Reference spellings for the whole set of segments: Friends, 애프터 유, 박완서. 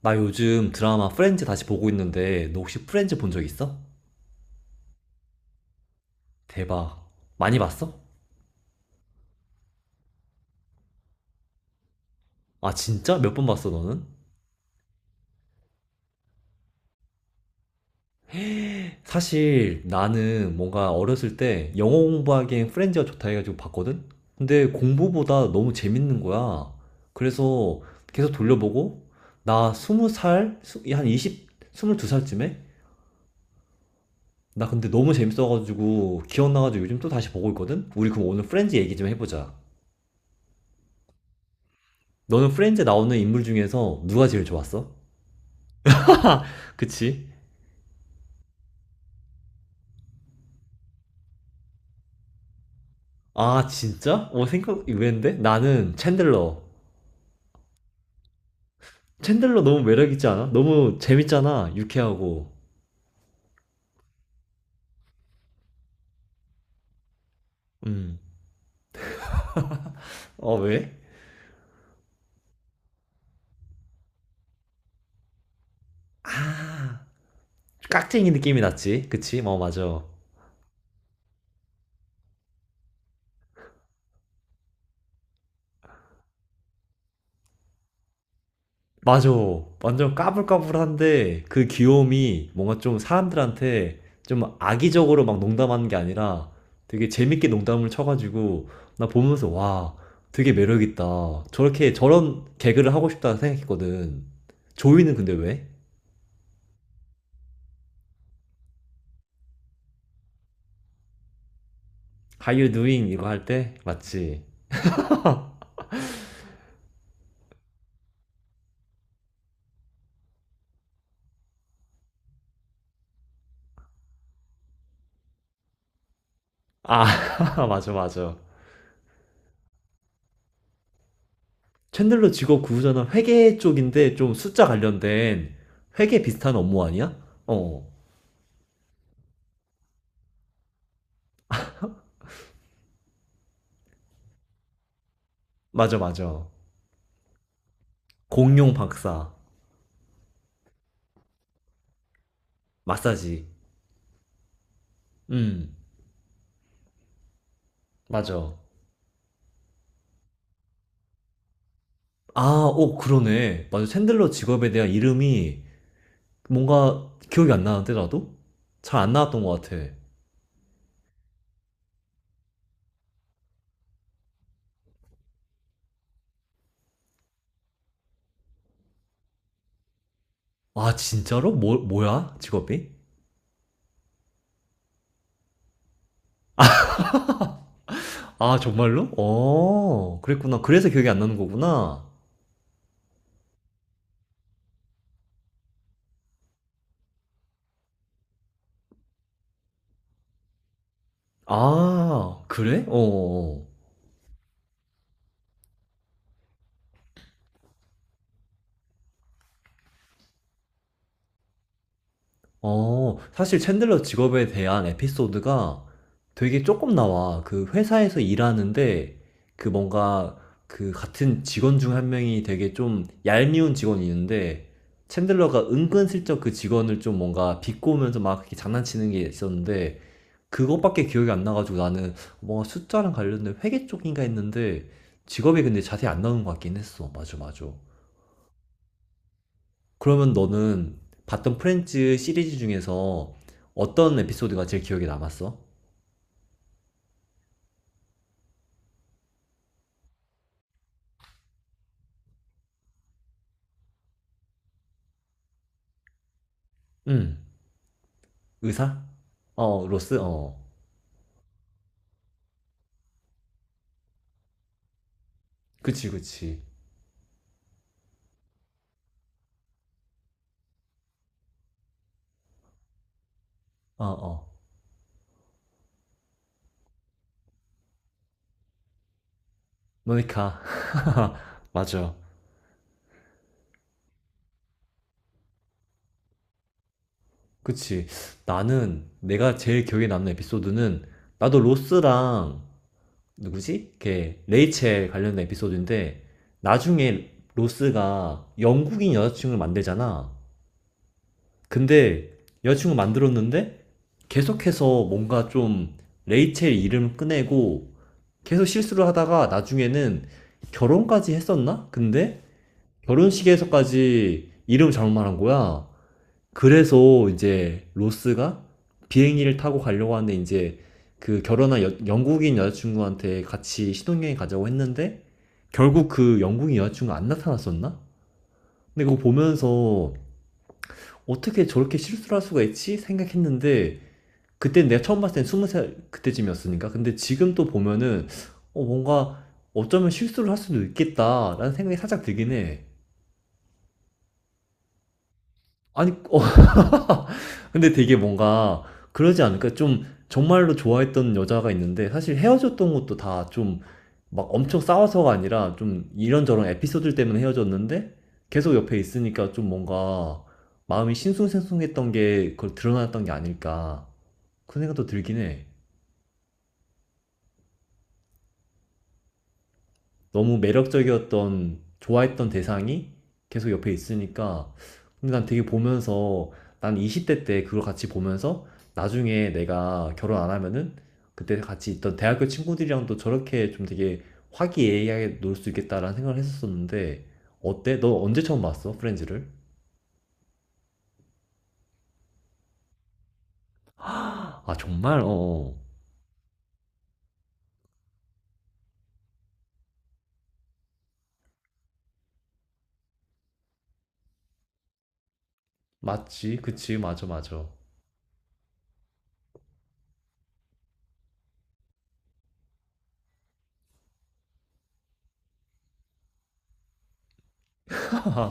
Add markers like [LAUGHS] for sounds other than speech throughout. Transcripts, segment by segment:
나 요즘 드라마 프렌즈 다시 보고 있는데 너 혹시 프렌즈 본 적 있어? 대박. 많이 봤어? 아 진짜? 몇 번 봤어 너는? 사실 나는 뭔가 어렸을 때 영어 공부하기엔 프렌즈가 좋다 해가지고 봤거든? 근데 공부보다 너무 재밌는 거야. 그래서 계속 돌려보고 나 스무 살, 한 20, 22살쯤에? 나 근데 너무 재밌어가지고 기억나가지고 요즘 또 다시 보고 있거든? 우리 그럼 오늘 프렌즈 얘기 좀 해보자. 너는 프렌즈 나오는 인물 중에서 누가 제일 좋았어? [LAUGHS] 그치? 아, 진짜? 의외인데? 나는 챈들러. 챈들러 너무 매력있지 않아? 너무 재밌잖아. 유쾌하고. 음. 어, 왜? 아, 깍쟁이 느낌이 났지. 그치? 어, 맞아. 맞아. 완전 까불까불한데 그 귀여움이 뭔가 좀 사람들한테 좀 악의적으로 막 농담하는 게 아니라 되게 재밌게 농담을 쳐가지고 나 보면서 와, 되게 매력있다. 저렇게 저런 개그를 하고 싶다 생각했거든. 조이는 근데 왜? How you doing? 이거 할 때? 맞지? 아, [LAUGHS] 맞아, 맞아. 챈들러 직업 구조는 회계 쪽인데 좀 숫자 관련된 회계 비슷한 업무 아니야? 어, 맞아, 맞아. 공룡 박사. 마사지. 음, 맞아. 아, 오, 그러네. 맞아. 챈들러 직업에 대한 이름이 뭔가 기억이 안 나는데, 나도? 잘 안 나왔던 것 같아. 아, 진짜로? 뭐, 뭐야? 직업이? 아, 정말로? 어, 그랬구나. 그래서 기억이 안 나는 거구나. 아, 그래? 어, 어. 어. 어, 사실 챈들러 직업에 대한 에피소드가 되게 조금 나와. 그 회사에서 일하는데 그 뭔가 그 같은 직원 중 한 명이 되게 좀 얄미운 직원이 있는데 챈들러가 은근슬쩍 그 직원을 좀 뭔가 비꼬면서 막 이렇게 장난치는 게 있었는데 그것밖에 기억이 안 나가지고 나는 뭔가 숫자랑 관련된 회계 쪽인가 했는데 직업이 근데 자세히 안 나오는 것 같긴 했어. 맞아, 맞아. 그러면 너는 봤던 프렌즈 시리즈 중에서 어떤 에피소드가 제일 기억에 남았어? 응. 의사? 어, 로스? 어. 그치, 그치. 어, 어. 모니카. [LAUGHS] 맞아. 그치. 나는 내가 제일 기억에 남는 에피소드는 나도 로스랑 누구지? 걔 레이첼 관련된 에피소드인데 나중에 로스가 영국인 여자친구를 만들잖아. 근데 여자친구 만들었는데 계속해서 뭔가 좀 레이첼 이름 꺼내고 계속 실수를 하다가 나중에는 결혼까지 했었나? 근데 결혼식에서까지 이름 잘못 말한 거야. 그래서 이제 로스가 비행기를 타고 가려고 하는데 이제 그 결혼한 영국인 여자친구한테 같이 신혼여행 가자고 했는데 결국 그 영국인 여자친구 안 나타났었나? 근데 그거 보면서 어떻게 저렇게 실수를 할 수가 있지? 생각했는데 그때 내가 처음 봤을 땐 20살 그때쯤이었으니까. 근데 지금 또 보면은 어, 뭔가 어쩌면 실수를 할 수도 있겠다라는 생각이 살짝 들긴 해. 아니, 어, [LAUGHS] 근데 되게 뭔가 그러지 않을까? 좀 정말로 좋아했던 여자가 있는데 사실 헤어졌던 것도 다 좀 막 엄청 싸워서가 아니라 좀 이런저런 에피소드 때문에 헤어졌는데 계속 옆에 있으니까 좀 뭔가 마음이 싱숭생숭했던 게 그걸 드러났던 게 아닐까. 그 생각도 들긴 해. 너무 매력적이었던 좋아했던 대상이 계속 옆에 있으니까 근데 난 되게 보면서 난 20대 때 그걸 같이 보면서 나중에 내가 결혼 안 하면은 그때 같이 있던 대학교 친구들이랑도 저렇게 좀 되게 화기애애하게 놀 수 있겠다라는 생각을 했었었는데 어때? 너 언제 처음 봤어? 프렌즈를? 아 정말? 어, 어 맞지 그치 맞아 맞아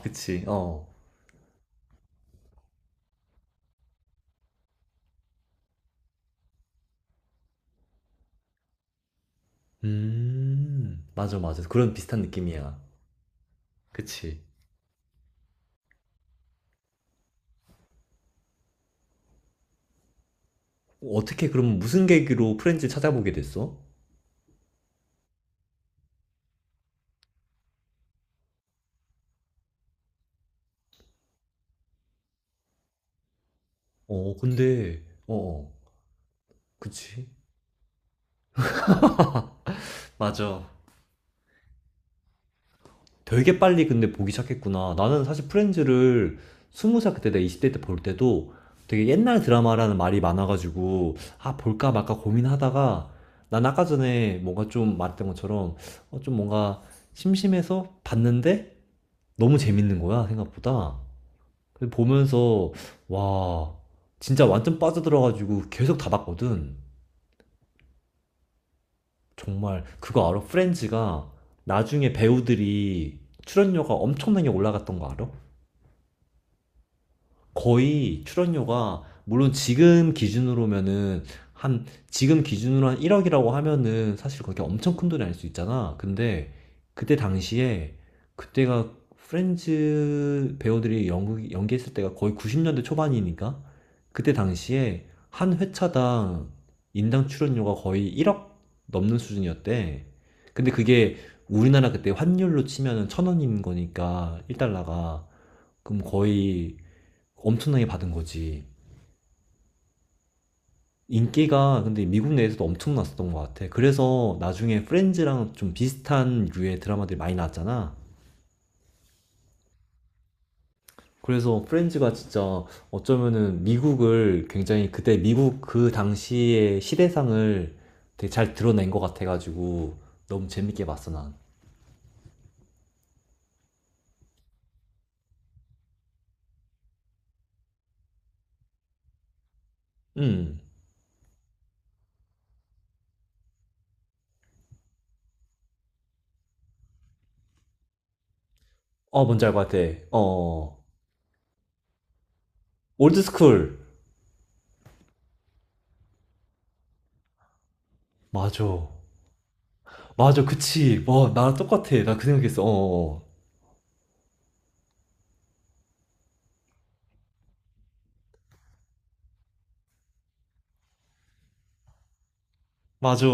[LAUGHS] 그치 어 맞아 맞아 그런 비슷한 느낌이야 그치 어떻게 그럼 무슨 계기로 프렌즈 찾아보게 됐어? 어, 근데 어, 어, 그치. 맞아. 되게 빨리 근데 보기 시작했구나. 나는 사실 프렌즈를 20살 그때 내가 20대 때 볼 때도 되게 옛날 드라마라는 말이 많아가지고 아, 볼까 말까 고민하다가 난 아까 전에 뭔가 좀 말했던 것처럼 좀 뭔가 심심해서 봤는데 너무 재밌는 거야, 생각보다. 그래서 보면서 와, 진짜 완전 빠져들어가지고 계속 다 봤거든. 정말 그거 알아? 프렌즈가 나중에 배우들이 출연료가 엄청나게 올라갔던 거 알아? 거의 출연료가 물론 지금 기준으로면은 한 지금 기준으로 한 1억이라고 하면은 사실 그게 엄청 큰 돈이 아닐 수 있잖아. 근데 그때 당시에 그때가 프렌즈 배우들이 연극 연기했을 때가 거의 90년대 초반이니까 그때 당시에 한 회차당 인당 출연료가 거의 1억 넘는 수준이었대. 근데 그게 우리나라 그때 환율로 치면은 천 원인 거니까 1달러가 그럼 거의 엄청나게 받은 거지. 인기가 근데 미국 내에서도 엄청났었던 것 같아. 그래서 나중에 프렌즈랑 좀 비슷한 류의 드라마들이 많이 나왔잖아. 그래서 프렌즈가 진짜 어쩌면은 미국을 굉장히 그때 미국 그 당시의 시대상을 되게 잘 드러낸 것 같아가지고 너무 재밌게 봤어, 난. 음. 어, 뭔지 알 것 같아. 어. 올드스쿨. 맞아. 맞아, 그치. 와, 나랑 똑같아. 나 그 생각했어. 어. 어, 어. 맞아.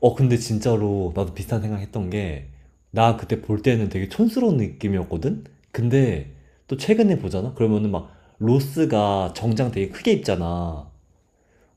어, 근데 진짜로 나도 비슷한 생각 했던 게, 나 그때 볼 때는 되게 촌스러운 느낌이었거든? 근데 또 최근에 보잖아? 그러면은 막 로스가 정장 되게 크게 입잖아.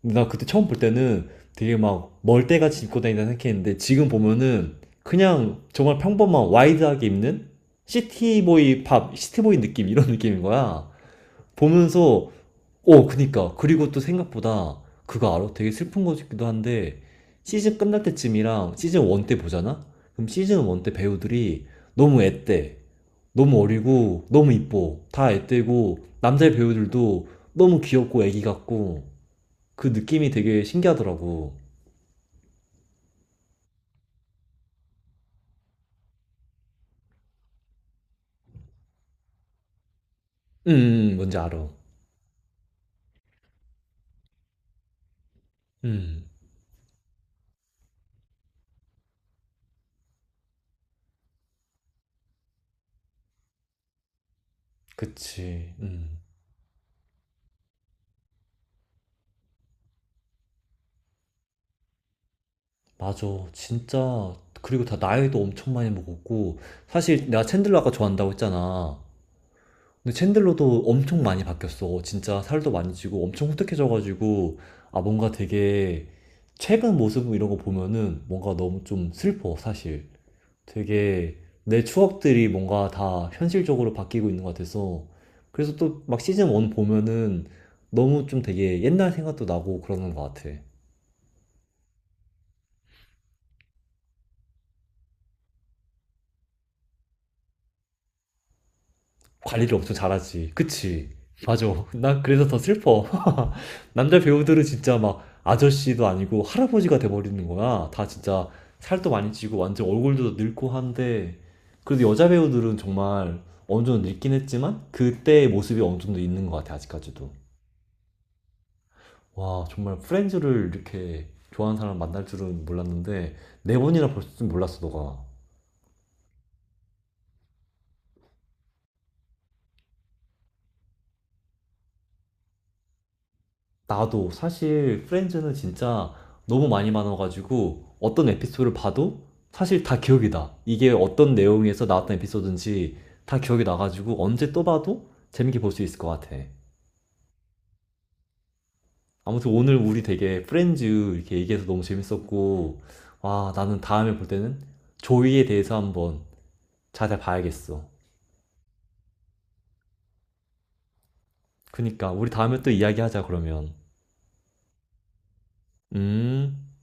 근데 나 그때 처음 볼 때는 되게 막 멀대같이 입고 다닌다 생각했는데 지금 보면은 그냥 정말 평범한 와이드하게 입는 시티보이 팝, 시티보이 느낌, 이런 느낌인 거야. 보면서 어 그니까 그리고 또 생각보다 그거 알아? 되게 슬픈 거기도 한데 시즌 끝날 때쯤이랑 시즌 1 때 보잖아? 그럼 시즌 1 때 배우들이 너무 앳돼 너무 어리고 너무 이뻐 다 앳되고 남자 배우들도 너무 귀엽고 애기 같고 그 느낌이 되게 신기하더라고 뭔지 알아 음 그치 맞아 진짜 그리고 다 나이도 엄청 많이 먹었고 사실 내가 챈들러 아까 좋아한다고 했잖아 근데 챈들러도 엄청 많이 바뀌었어. 진짜 살도 많이 찌고 엄청 후텁해져가지고 아 뭔가 되게 최근 모습 이런 거 보면은 뭔가 너무 좀 슬퍼 사실. 되게 내 추억들이 뭔가 다 현실적으로 바뀌고 있는 것 같아서 그래서 또 막 시즌 1 보면은 너무 좀 되게 옛날 생각도 나고 그러는 것 같아. 관리를 엄청 잘하지. 그치? 맞아. 난 그래서 더 슬퍼. [LAUGHS] 남자 배우들은 진짜 막 아저씨도 아니고 할아버지가 돼버리는 거야. 다 진짜 살도 많이 찌고 완전 얼굴도 늙고 한데 그래도 여자 배우들은 정말 어느 정도 늙긴 했지만 그때의 모습이 어느 정도 있는 것 같아 아직까지도. 와 정말 프렌즈를 이렇게 좋아하는 사람 만날 줄은 몰랐는데 네 번이나 볼 줄 몰랐어 너가. 나도 사실 프렌즈는 진짜 너무 많이 많아가지고 어떤 에피소드를 봐도 사실 다 기억이 나. 이게 어떤 내용에서 나왔던 에피소드인지 다 기억이 나가지고 언제 또 봐도 재밌게 볼 수 있을 것 같아. 아무튼 오늘 우리 되게 프렌즈 이렇게 얘기해서 너무 재밌었고, 와, 나는 다음에 볼 때는 조이에 대해서 한번 자세히 봐야겠어. 그니까 우리 다음에 또 이야기하자 그러면. 음.